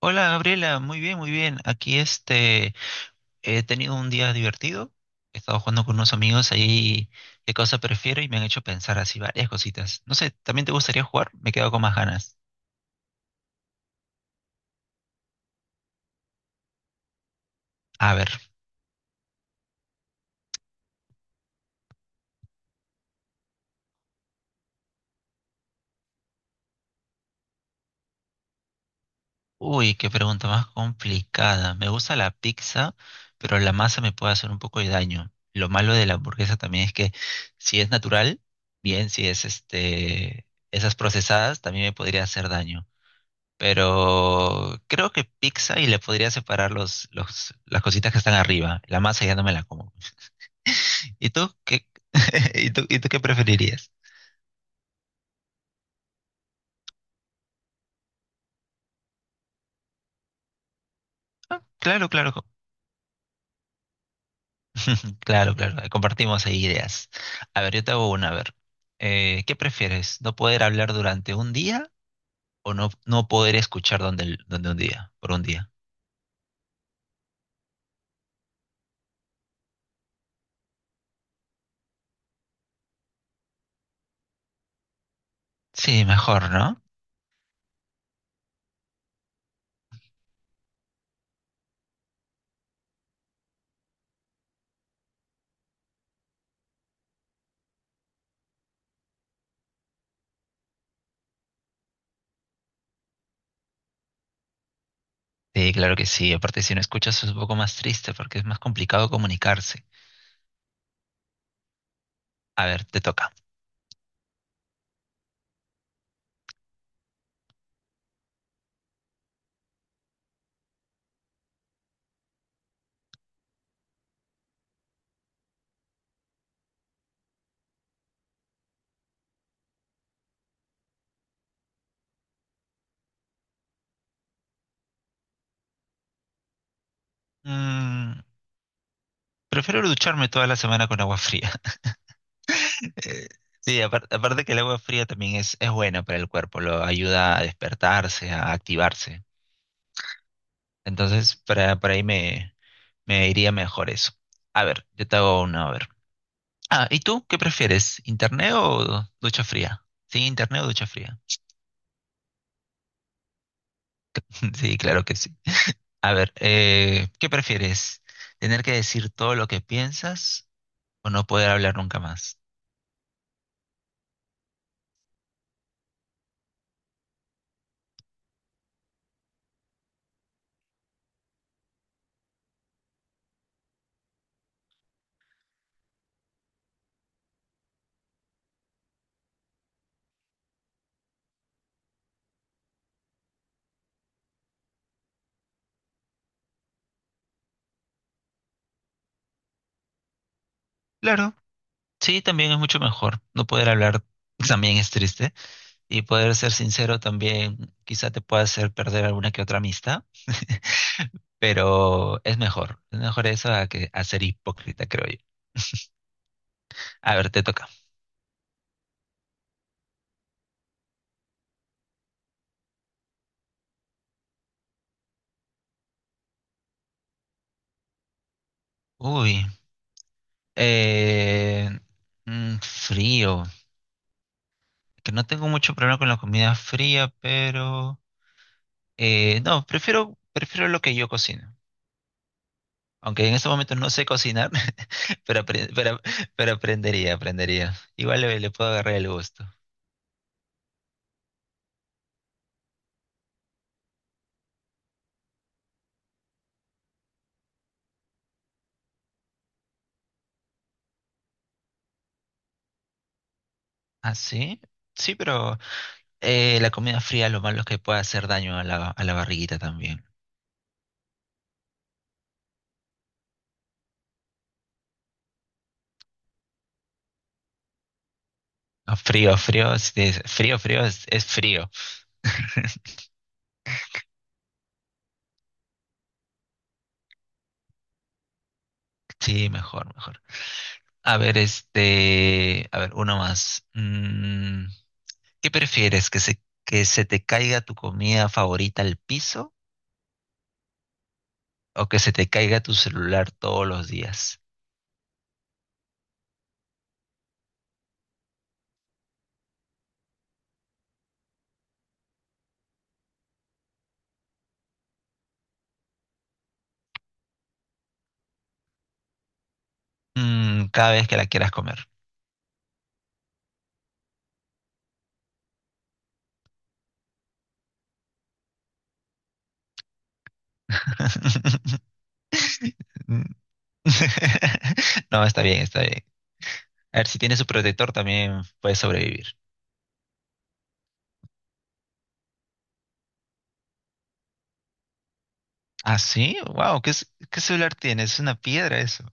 Hola Gabriela, muy bien, muy bien. Aquí he tenido un día divertido. He estado jugando con unos amigos ahí qué cosa prefiero y me han hecho pensar así varias cositas. No sé, ¿también te gustaría jugar? Me quedo con más ganas. A ver. Uy, qué pregunta más complicada. Me gusta la pizza, pero la masa me puede hacer un poco de daño. Lo malo de la hamburguesa también es que si es natural, bien, si es esas procesadas también me podría hacer daño. Pero creo que pizza y le podría separar las cositas que están arriba. La masa ya no me la como. ¿Y tú qué, y tú qué preferirías? Ah, claro, claro. Claro, claro. ahí Compartimos ahí ideas. A ver, yo te hago una. A ver, ¿qué prefieres? ¿No poder hablar durante un día o no poder escuchar donde, el- donde un día, por un día? Sí, mejor, ¿no? Sí, claro que sí. Aparte, si no escuchas es un poco más triste porque es más complicado comunicarse. A ver, te toca. Mm, Prefiero ducharme toda la semana con agua fría. Eh, Sí, aparte, que el agua fría también es buena para el cuerpo, lo ayuda a despertarse, a activarse. Entonces, para me iría mejor eso. A ver, yo te hago una, a ver. Ah, ¿y tú qué prefieres? ¿Internet o ducha fría? Sí, internet o ducha fría. Sí, claro que sí. A ver, ¿qué prefieres? ¿Tener que decir todo lo que piensas o no poder hablar nunca más? Claro. Sí, también es mucho mejor. No poder hablar también es triste. Y poder ser sincero también quizá te pueda hacer perder alguna que otra amistad. Pero es mejor. Es mejor eso a que a ser hipócrita, creo yo. A ver, te toca. Uy. Eh, frío. Que no tengo mucho problema con la comida fría, pero no, prefiero lo que yo cocino. Aunque en estos momentos no sé cocinar, pero, apre- pero, pero aprendería, aprendería. Igual le puedo agarrar el gusto. ¿Ah, sí? Sí, pero la comida fría lo malo es que puede hacer daño a a la barriguita también. Ah, es frío. Sí, mejor, mejor. A ver, a ver, uno más. ¿Qué prefieres? ¿Que que se te caiga tu comida favorita al piso o que se te caiga tu celular todos los días? Mm, cada vez que la quieras comer. No, está bien, está bien. A ver, si tiene su protector también puede sobrevivir. Ah, sí, wow, ¿qué, qué celular tiene? Es una piedra eso.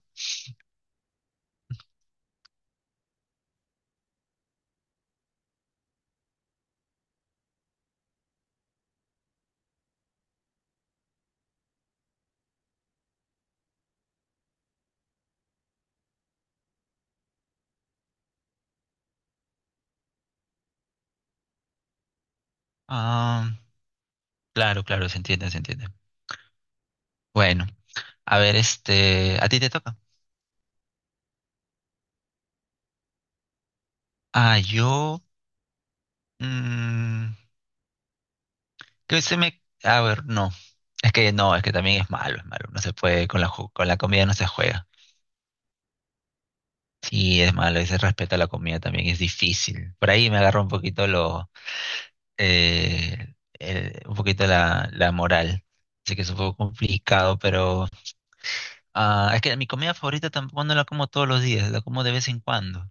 Ah, claro, claro, se entiende, se entiende. Bueno, a ver, a ti te toca. Ah, yo, mm, que se me, a ver, no, es que también es malo, no se puede, con la comida no se juega. Sí, es malo, ese respeto a la comida también es difícil. Por ahí me agarra un poquito un poquito la moral. Así que es un poco complicado, pero es que mi comida favorita tampoco no la como todos los días, la como de vez en cuando.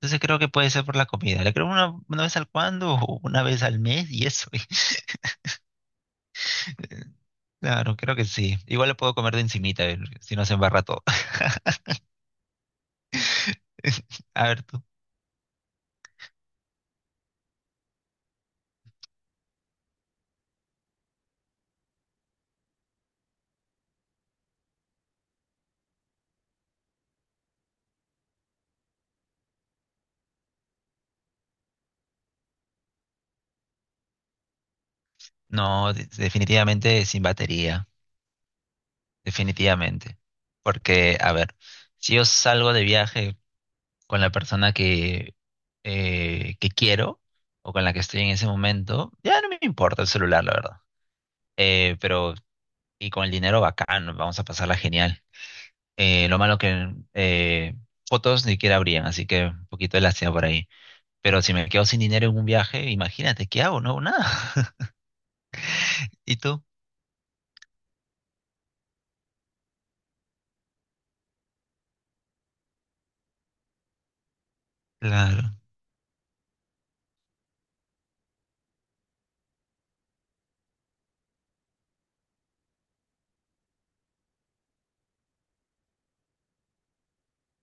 Entonces creo que puede ser por la comida. La creo una vez al cuando o una vez al mes y eso. Claro, creo que sí. Igual lo puedo comer de encimita, si no se embarra todo. A ver tú. No, definitivamente sin batería. Definitivamente. Porque, a ver, si yo salgo de viaje con la persona que quiero o con la que estoy en ese momento, ya no me importa el celular, la verdad. Eh, pero, y con el dinero bacán, vamos a pasarla genial. Lo malo que fotos ni siquiera habrían, así que un poquito de lástima por ahí. Pero si me quedo sin dinero en un viaje, imagínate, ¿qué hago? No hago nada. ¿Y tú? Claro.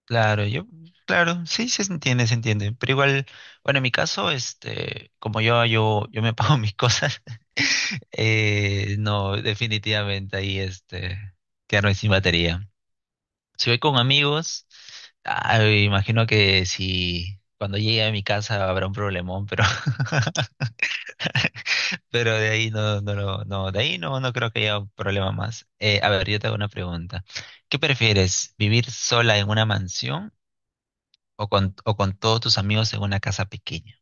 Claro, yo, claro, sí, sí se entiende, se entiende. Pero igual, bueno, en mi caso, yo me pago mis cosas, no, definitivamente quedarme sin batería. Si voy con amigos, ah, imagino que si cuando llegue a mi casa habrá un problemón, pero, pero de ahí de ahí no, no creo que haya un problema más. A ver, yo te hago una pregunta. ¿Qué prefieres, vivir sola en una mansión o o con todos tus amigos en una casa pequeña?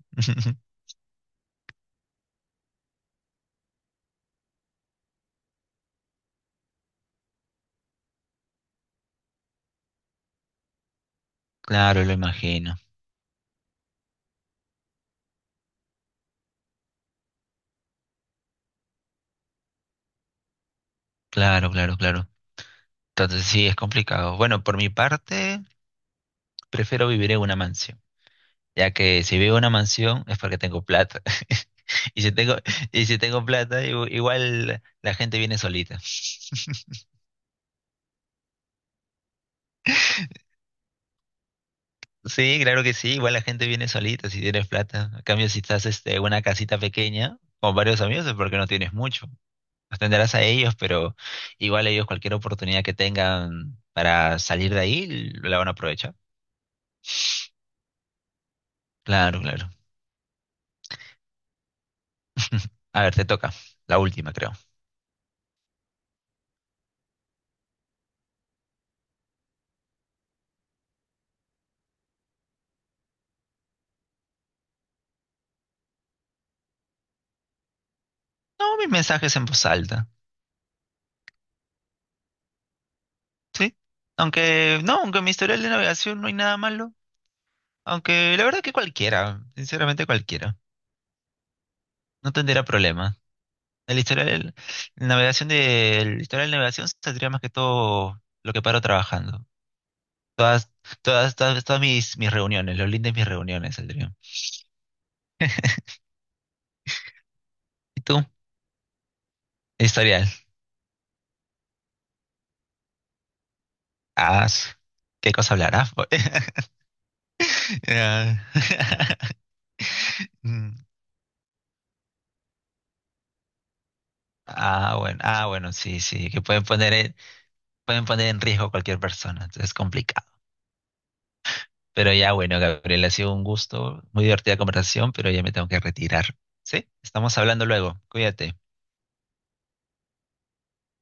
Claro, lo imagino. Claro, claro, claro. Entonces sí, es complicado. Bueno, por mi parte, prefiero vivir en una mansión, ya que si vivo en una mansión es porque tengo plata. Y si tengo, y si tengo plata, igual la gente viene solita. Sí, claro que sí, igual la gente viene solita si tienes plata. A cambio, si estás en una casita pequeña con varios amigos es porque no tienes mucho. Atenderás a ellos, pero igual ellos cualquier oportunidad que tengan para salir de ahí la van a aprovechar. Claro, claro. A ver, te toca. La última, creo. No, mis mensajes en voz alta. ¿Sí? Aunque, no, aunque en mi historial de navegación no hay nada malo. Aunque la verdad que cualquiera, sinceramente cualquiera. No tendría problema. El historial, el historial de navegación saldría más que todo lo que paro trabajando. Todas, todas mis reuniones, los links de mis reuniones saldrían. ¿Y tú? Historial. Ah, su- ¿Qué cosa hablarás? Po? Ya. Mm. Bueno, ah, bueno, sí, sí, que pueden poner en riesgo a cualquier persona, entonces es complicado. Pero ya, bueno, Gabriel, ha sido un gusto, muy divertida conversación, pero ya me tengo que retirar. ¿Sí? Estamos hablando luego, cuídate.